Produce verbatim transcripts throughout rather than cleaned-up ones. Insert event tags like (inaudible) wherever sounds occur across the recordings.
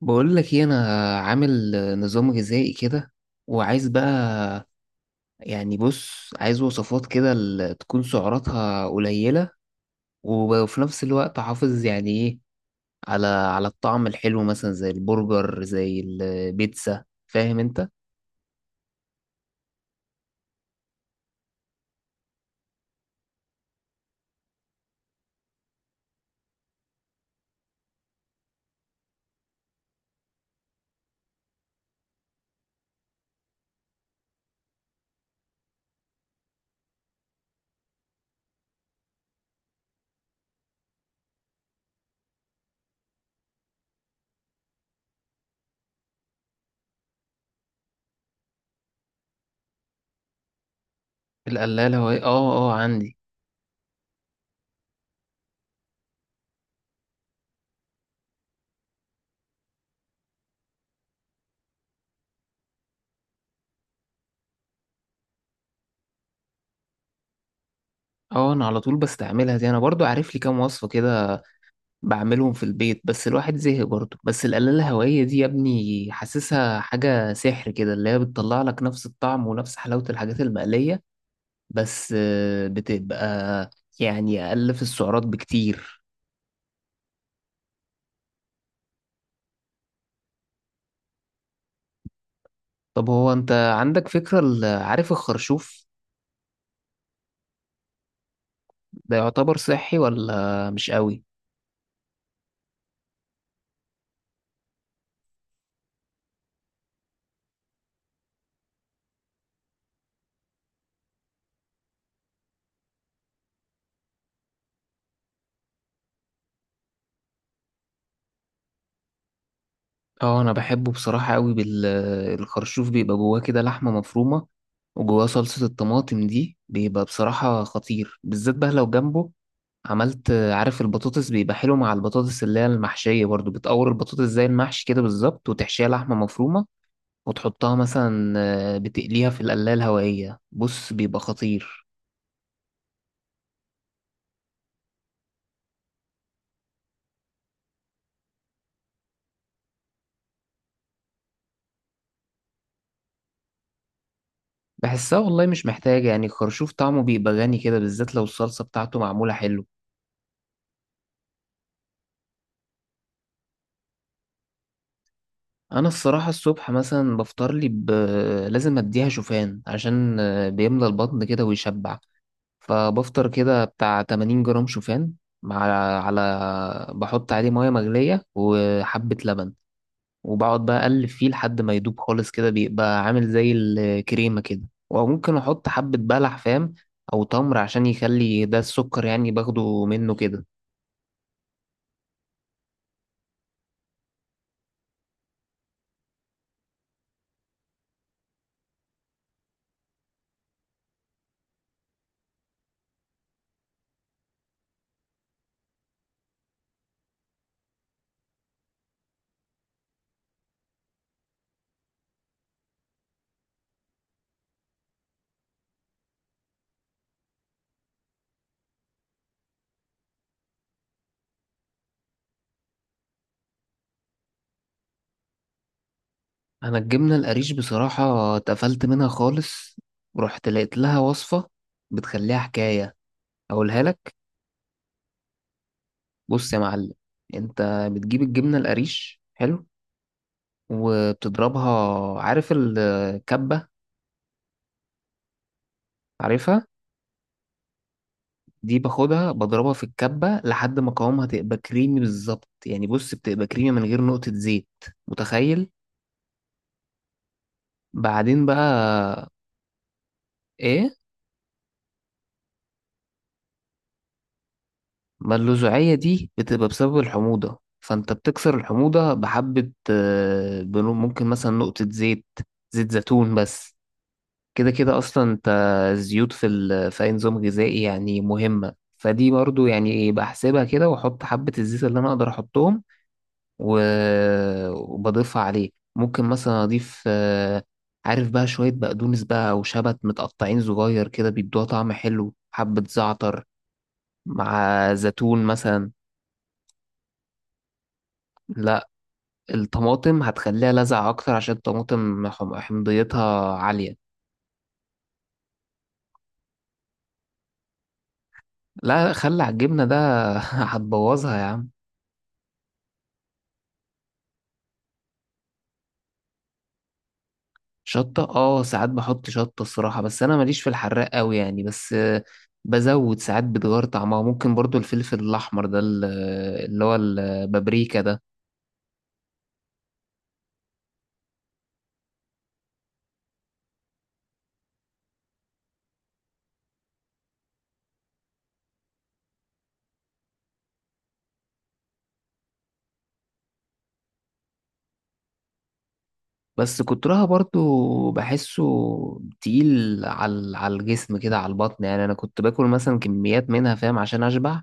بقول لك ايه. انا عامل نظام غذائي كده وعايز بقى. يعني بص عايز وصفات كده ال- تكون سعراتها قليلة وفي نفس الوقت احافظ يعني ايه على على الطعم الحلو مثلا زي البرجر زي البيتزا فاهم انت؟ القلالة وهي اه اه عندي. اه انا على طول بستعملها دي، انا برضو عارف لي كام وصفة كده بعملهم في البيت، بس الواحد زهق برضه. بس القلاية الهوائية دي يا ابني حاسسها حاجة سحر كده، اللي هي بتطلع لك نفس الطعم ونفس حلاوة الحاجات المقلية. بس آه، بتبقى يعني أقل في السعرات بكتير. طب هو أنت عندك فكرة ال- عارف الخرشوف ده يعتبر صحي ولا مش قوي؟ اه أنا بحبه بصراحة قوي. بالخرشوف بيبقى جواه كده لحمة مفرومة، وجواه صلصة الطماطم دي، بيبقى بصراحة خطير. بالذات بقى لو جنبه عملت عارف البطاطس، بيبقى حلو مع البطاطس اللي هي المحشية. برضو بتقور البطاطس زي المحشي كده بالظبط، وتحشيها لحمة مفرومة، وتحطها مثلا آه، بتقليها في القلاية الهوائية، بص بيبقى خطير. بحسها والله مش محتاجة، يعني الخرشوف طعمه بيبقى غني كده، بالذات لو الصلصة بتاعته معمولة حلو. أنا الصراحة الصبح مثلا بفطر لي ب... لازم أديها شوفان، عشان آه، بيملى البطن كده ويشبع. فبفطر كده بتاع تمانين جرام شوفان مع، على، بحط عليه مية مغلية وحبة لبن، وبقعد بقى أقلب فيه لحد ما يدوب خالص، كده بيبقى عامل زي الكريمة كده. وممكن أحط حبة بلح فاهم، أو تمر عشان يخلي ده السكر يعني باخده منه كده. أنا الجبنة القريش بصراحة اتقفلت منها خالص، ورحت لقيت لها وصفة بتخليها حكاية، أقولها لك. بص يا معلم، أنت بتجيب الجبنة القريش حلو وبتضربها. عارف الكبة؟ عارفها. دي باخدها بضربها في الكبة لحد ما قوامها تبقى كريمي بالظبط، يعني بص بتبقى كريمي من غير نقطة زيت، متخيل؟ بعدين بقى ايه؟ ما اللزوعية دي بتبقى بسبب الحموضة، فانت بتكسر الحموضة بحبة آه، بنو- ممكن مثلا نقطة زيت، زيت زيتون بس. كده كده اصلا انت الزيوت في ال... في اي نظام غذائي يعني مهمه، فدي برضو يعني بحسبها كده واحط حبه الزيت اللي انا اقدر احطهم، و... وبضيفها عليه. ممكن مثلا اضيف، آه، عارف بقى، شويه بقدونس بقى او شبت متقطعين صغير كده بيدوها طعم حلو، حبه زعتر مع زيتون مثلا. لا، الطماطم هتخليها لذعة اكتر، عشان الطماطم حم- حمضيتها عاليه. لا، خلي على الجبنه ده، (laughs) هتبوظها يا عم. شطة، اه ساعات بحط شطة الصراحة، بس انا ماليش في الحراق قوي يعني. بس آه، بزود ساعات بتغير طعمها، ممكن برضو الفلفل الاحمر ده ال- اللي هو البابريكا ده. بس كترها برضو بحسه تقيل على على الجسم كده، على البطن. يعني انا كنت باكل مثلا كميات منها فاهم، عشان اشبع.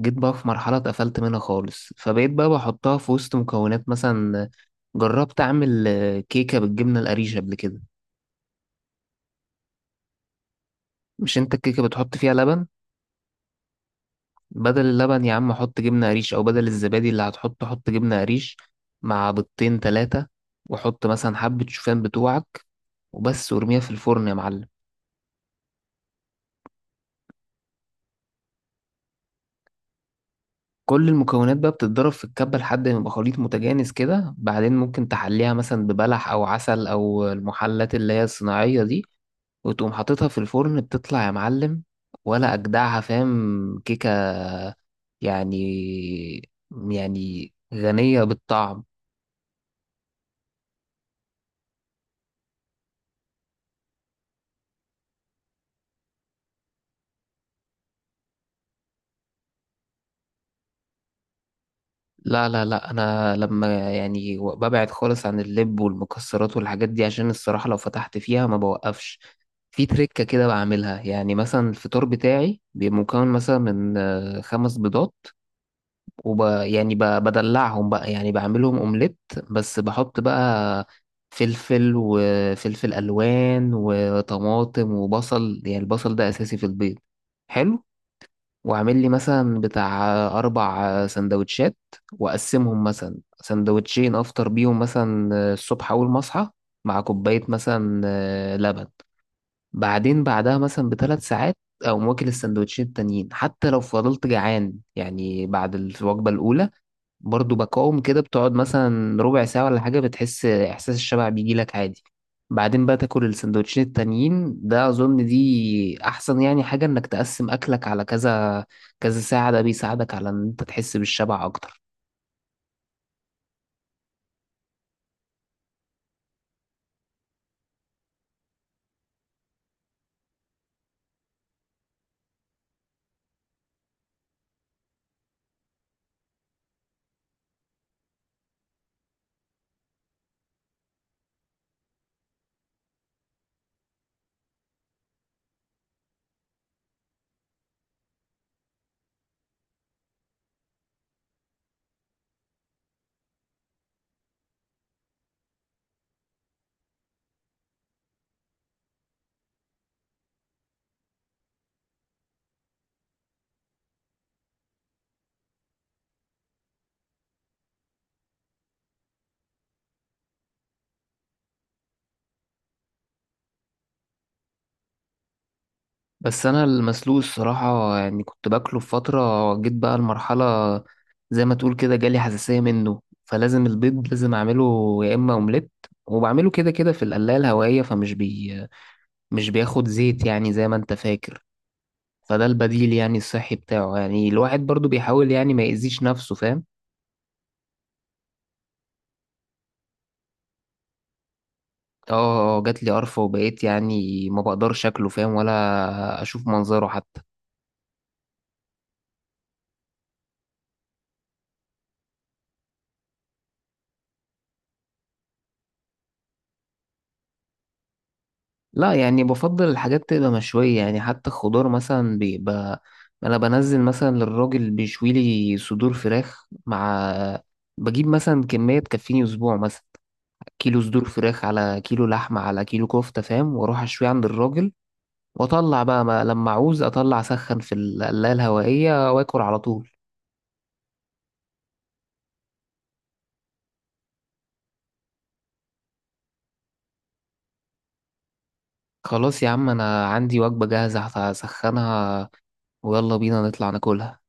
جيت بقى في مرحلة اتقفلت منها خالص، فبقيت بقى بحطها في وسط مكونات. مثلا جربت اعمل آه، كيكة بالجبنة القريش قبل كده. مش انت الكيكة بتحط فيها لبن؟ بدل اللبن يا عم حط جبنة قريش، أو بدل الزبادي اللي هتحطه حط جبنة قريش، مع بيضتين تلاتة، وحط مثلا حبة شوفان بتوعك، وبس، وارميها في الفرن يا معلم. كل المكونات بقى بتتضرب في الكبة لحد ما يبقى خليط متجانس كده، بعدين ممكن تحليها مثلا ببلح أو عسل أو المحلات اللي هي الصناعية دي، وتقوم حاططها في الفرن. بتطلع يا معلم، ولا أجدعها، فاهم، كيكة يعني، يعني غنية بالطعم. لا لا لا انا لما يعني ببعد خالص عن اللب والمكسرات والحاجات دي، عشان الصراحة لو فتحت فيها ما بوقفش. في تركة كده بعملها، يعني مثلا الفطار بتاعي بيبقى مكون مثلا من آه، خمس بيضات، وب يعني ب- بدلعهم بقى يعني بعملهم اومليت. بس بحط بقى فلفل وفلفل الوان وطماطم وبصل، يعني البصل ده اساسي في البيض. حلو. واعمل لي مثلا بتاع أربع سندوتشات، وأقسمهم مثلا سندوتشين أفطر بيهم مثلا الصبح أول ما أصحى، مع كوباية مثلا لبن. بعدين بعدها مثلا بثلاث ساعات أقوم واكل السندوتشين التانيين. حتى لو فضلت جعان يعني بعد الوجبة الأولى، برضو بقاوم كده بتقعد مثلا ربع ساعة ولا حاجة، بتحس إحساس الشبع بيجيلك عادي. بعدين بقى تاكل السندوتشين التانيين. ده أظن دي أحسن يعني حاجة، إنك تقسم أكلك على كذا كذا ساعة، ده بيساعدك على إن أنت تحس بالشبع أكتر. بس أنا المسلوق الصراحة يعني كنت باكله في فترة، جيت بقى المرحلة زي ما تقول كده جالي حساسية منه. فلازم البيض لازم أعمله يا إما أومليت، وبعمله كده كده في القلاية الهوائية، فمش بي مش بياخد زيت يعني زي ما أنت فاكر. فده البديل يعني الصحي بتاعه، يعني الواحد برضو بيحاول يعني ما يأذيش نفسه فاهم. اه آه، آه، جات لي قرفة، وبقيت يعني ما بقدرش شكله فاهم، ولا اشوف منظره حتى. لا، يعني بفضل الحاجات تبقى مشوية، يعني حتى الخضار مثلا بيبقى. انا بنزل مثلا للراجل بيشوي لي صدور فراخ، مع، بجيب مثلا كمية تكفيني اسبوع مثلا، كيلو صدور فراخ على كيلو لحمة على كيلو كفتة فاهم، واروح اشوي عند الراجل. واطلع بقى، ما لما اعوز اطلع اسخن في القلاية الهوائية واكل على طول. خلاص يا عم انا عندي وجبة جاهزة هسخنها، ويلا بينا نطلع ناكلها.